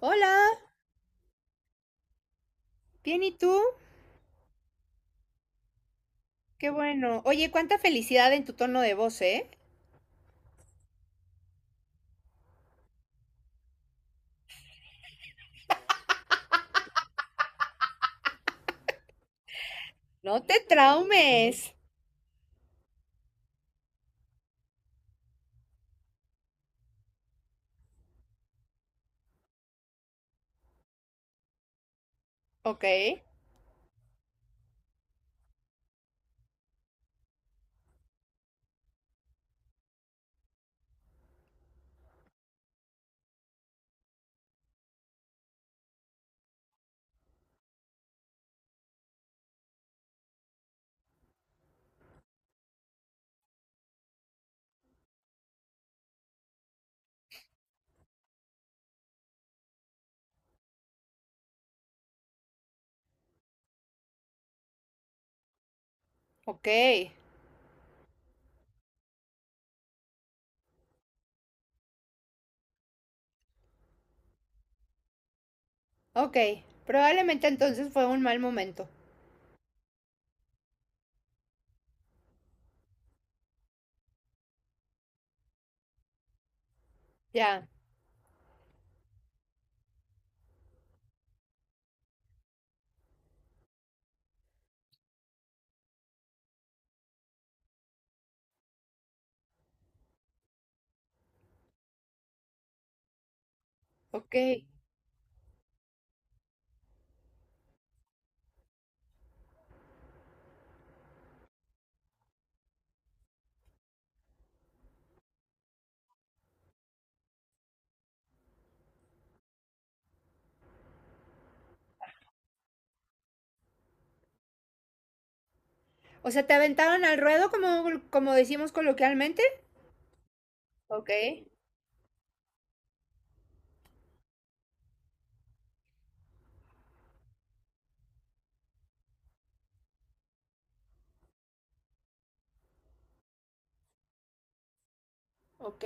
Hola, bien, ¿y tú? Qué bueno. Oye, cuánta felicidad en tu tono de voz, ¿eh? No te traumes. Ok, ok, ok. Probablemente entonces fue un mal momento. Ya, ok. O sea, ¿te aventaron al ruedo como decimos coloquialmente? Ok, ok.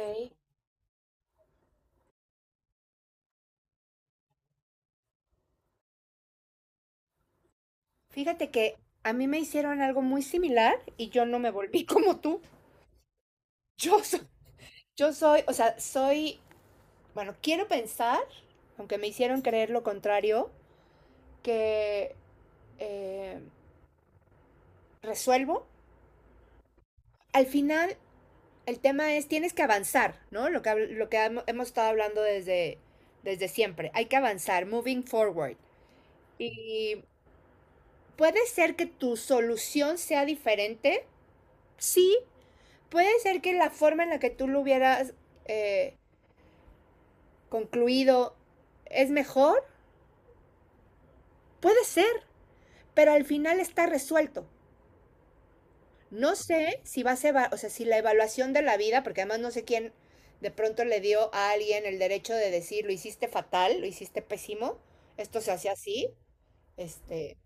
Fíjate que a mí me hicieron algo muy similar y yo no me volví como tú. Yo soy, yo soy, o sea, soy, Bueno, quiero pensar, aunque me hicieron creer lo contrario, que eh, resuelvo. Al final, el tema es, tienes que avanzar, ¿no? Lo que hemos estado hablando desde siempre. Hay que avanzar, moving forward. Y puede ser que tu solución sea diferente, sí. Puede ser que la forma en la que tú lo hubieras eh, concluido es mejor, puede ser, pero al final está resuelto. No sé si va a ser, o sea, si la evaluación de la vida, porque además no sé quién de pronto le dio a alguien el derecho de decir, lo hiciste fatal, lo hiciste pésimo, esto se hace así, este,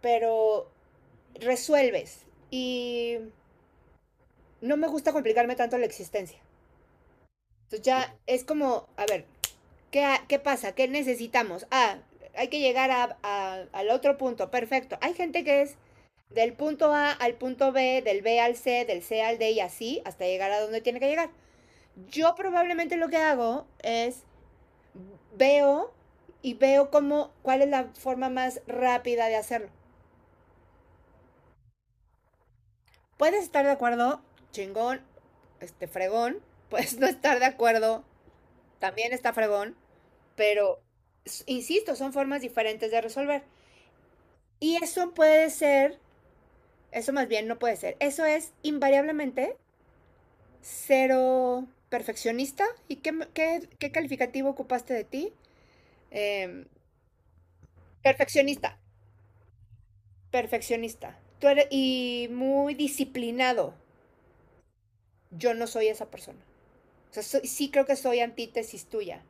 pero resuelves y no me gusta complicarme tanto la existencia. Entonces ya es como, a ver, ¿qué pasa? ¿Qué necesitamos? Ah, hay que llegar al otro punto, perfecto. Hay gente que es del punto A al punto B, del B al C, del C al D y así hasta llegar a donde tiene que llegar. Yo probablemente lo que hago es veo y veo cuál es la forma más rápida de hacerlo. Puedes estar de acuerdo, chingón, este fregón, puedes no estar de acuerdo, también está fregón, pero insisto, son formas diferentes de resolver. Y eso puede ser, eso más bien no puede ser, eso es invariablemente cero perfeccionista. ¿Y qué calificativo ocupaste de ti? Eh, perfeccionista, perfeccionista. Tú eres, y muy disciplinado. Yo no soy esa persona. O sea, soy, sí creo que soy antítesis tuya.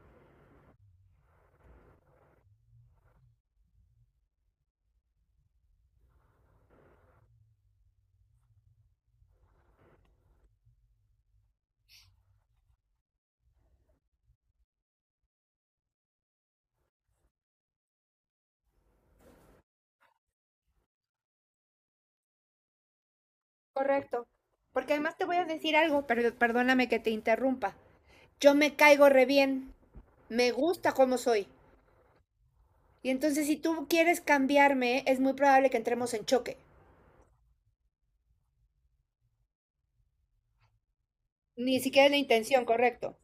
Correcto. Porque además te voy a decir algo, pero perdóname que te interrumpa. Yo me caigo re bien. Me gusta cómo soy. Y entonces si tú quieres cambiarme, es muy probable que entremos en choque. Ni siquiera es la intención, correcto.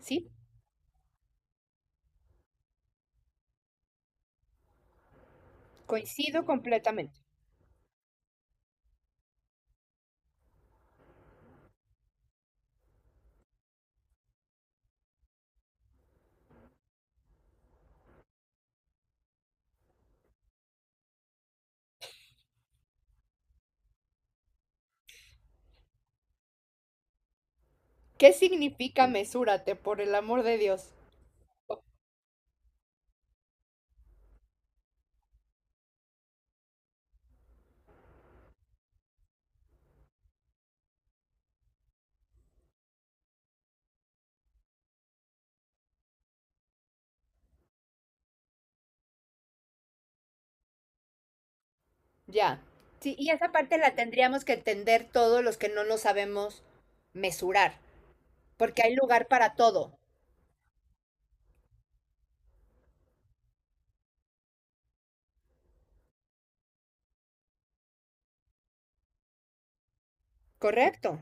Sí, coincido completamente. ¿Qué significa mesúrate, por el amor de Dios? Oh, ya. Sí, y esa parte la tendríamos que entender todos los que no lo sabemos mesurar, porque hay lugar para todo, correcto.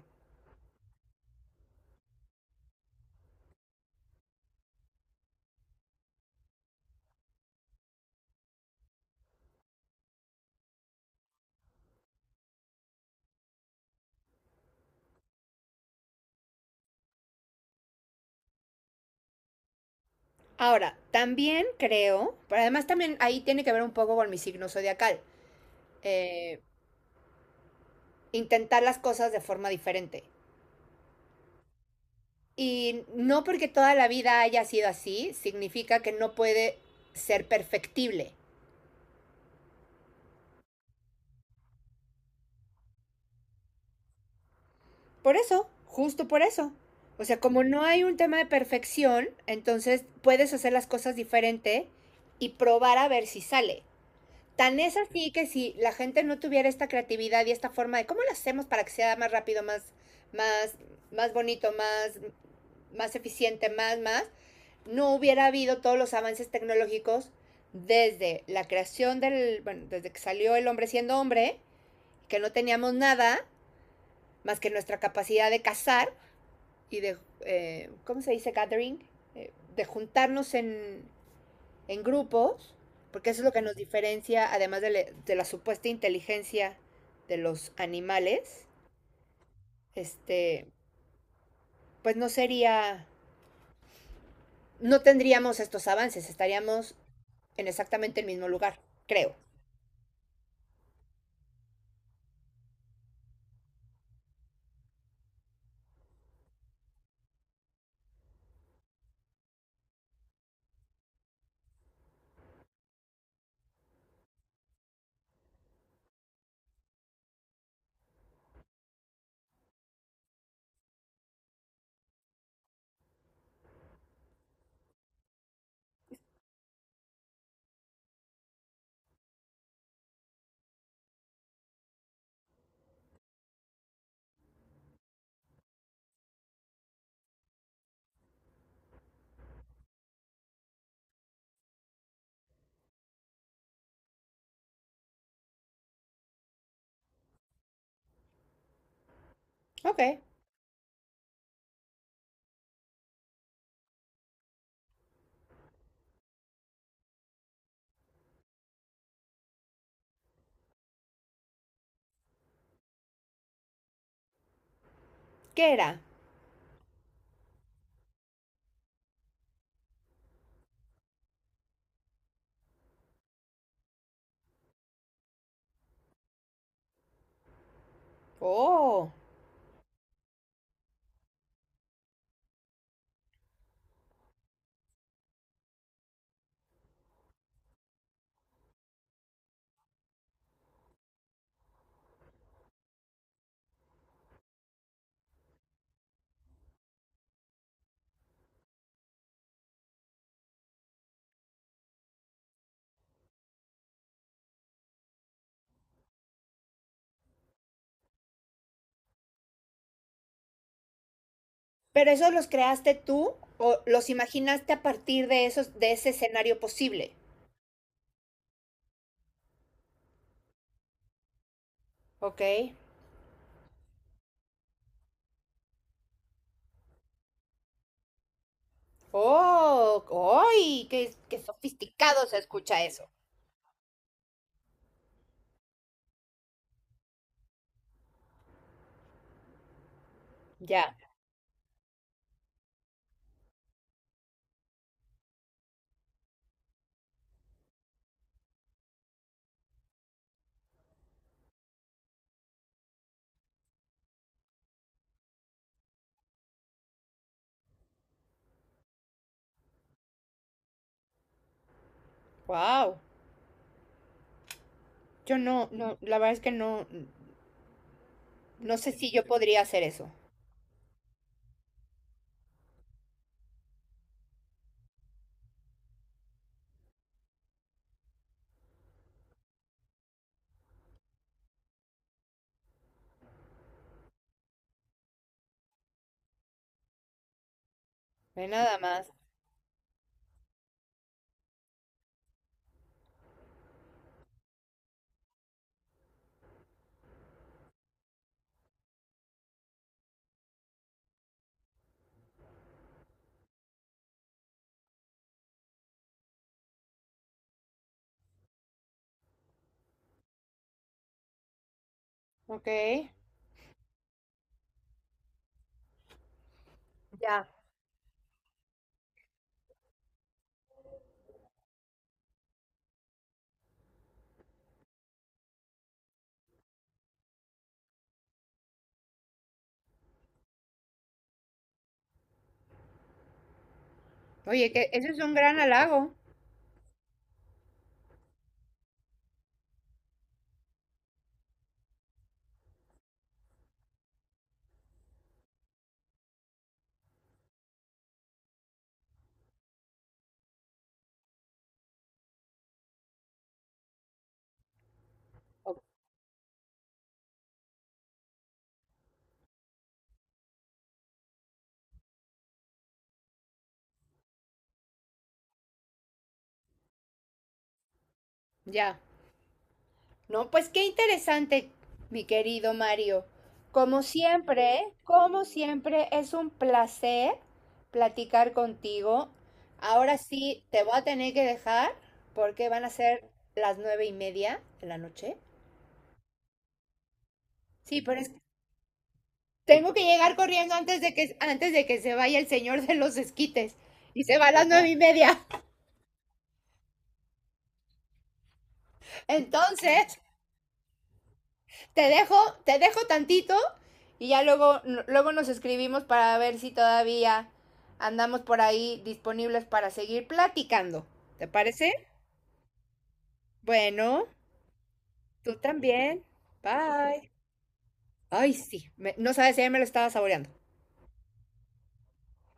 Ahora, también creo, pero además también ahí tiene que ver un poco con mi signo zodiacal, eh, intentar las cosas de forma diferente. Y no porque toda la vida haya sido así, significa que no puede ser perfectible. Por eso, justo por eso. O sea, como no hay un tema de perfección, entonces puedes hacer las cosas diferente y probar a ver si sale. Tan es así que si la gente no tuviera esta creatividad y esta forma de cómo lo hacemos para que sea más rápido, más, más bonito, más eficiente, no hubiera habido todos los avances tecnológicos desde la creación del, bueno, desde que salió el hombre siendo hombre, que no teníamos nada más que nuestra capacidad de cazar y de, ¿cómo se dice? Gathering, de juntarnos en grupos, porque eso es lo que nos diferencia, además de, de la supuesta inteligencia de los animales, este, pues no sería, no tendríamos estos avances, estaríamos en exactamente el mismo lugar, creo. Ok, ¿qué era? Oh, pero esos los creaste tú o los imaginaste a partir de esos, de ese escenario posible. Ok. Oh, ¡ay! Qué sofisticado se escucha eso. Ya. Wow. Yo no, no, la verdad es que no, no sé si yo podría hacer eso. Ve nada más. Ok. Ya. Oye, que eso es un gran halago. O- Ya. No, pues qué interesante, mi querido Mario. Como siempre, es un placer platicar contigo. Ahora sí, te voy a tener que dejar porque van a ser las 9:30 de la noche. Sí, pero es Tengo que llegar corriendo antes de antes de que se vaya el señor de los esquites. Y se va a las 9:30. Entonces, te dejo, te dejo tantito y ya luego nos escribimos para ver si todavía andamos por ahí disponibles para seguir platicando. ¿Te parece? Bueno, tú también. Bye. Ay, sí. Me- no sabes si ya me lo estaba saboreando.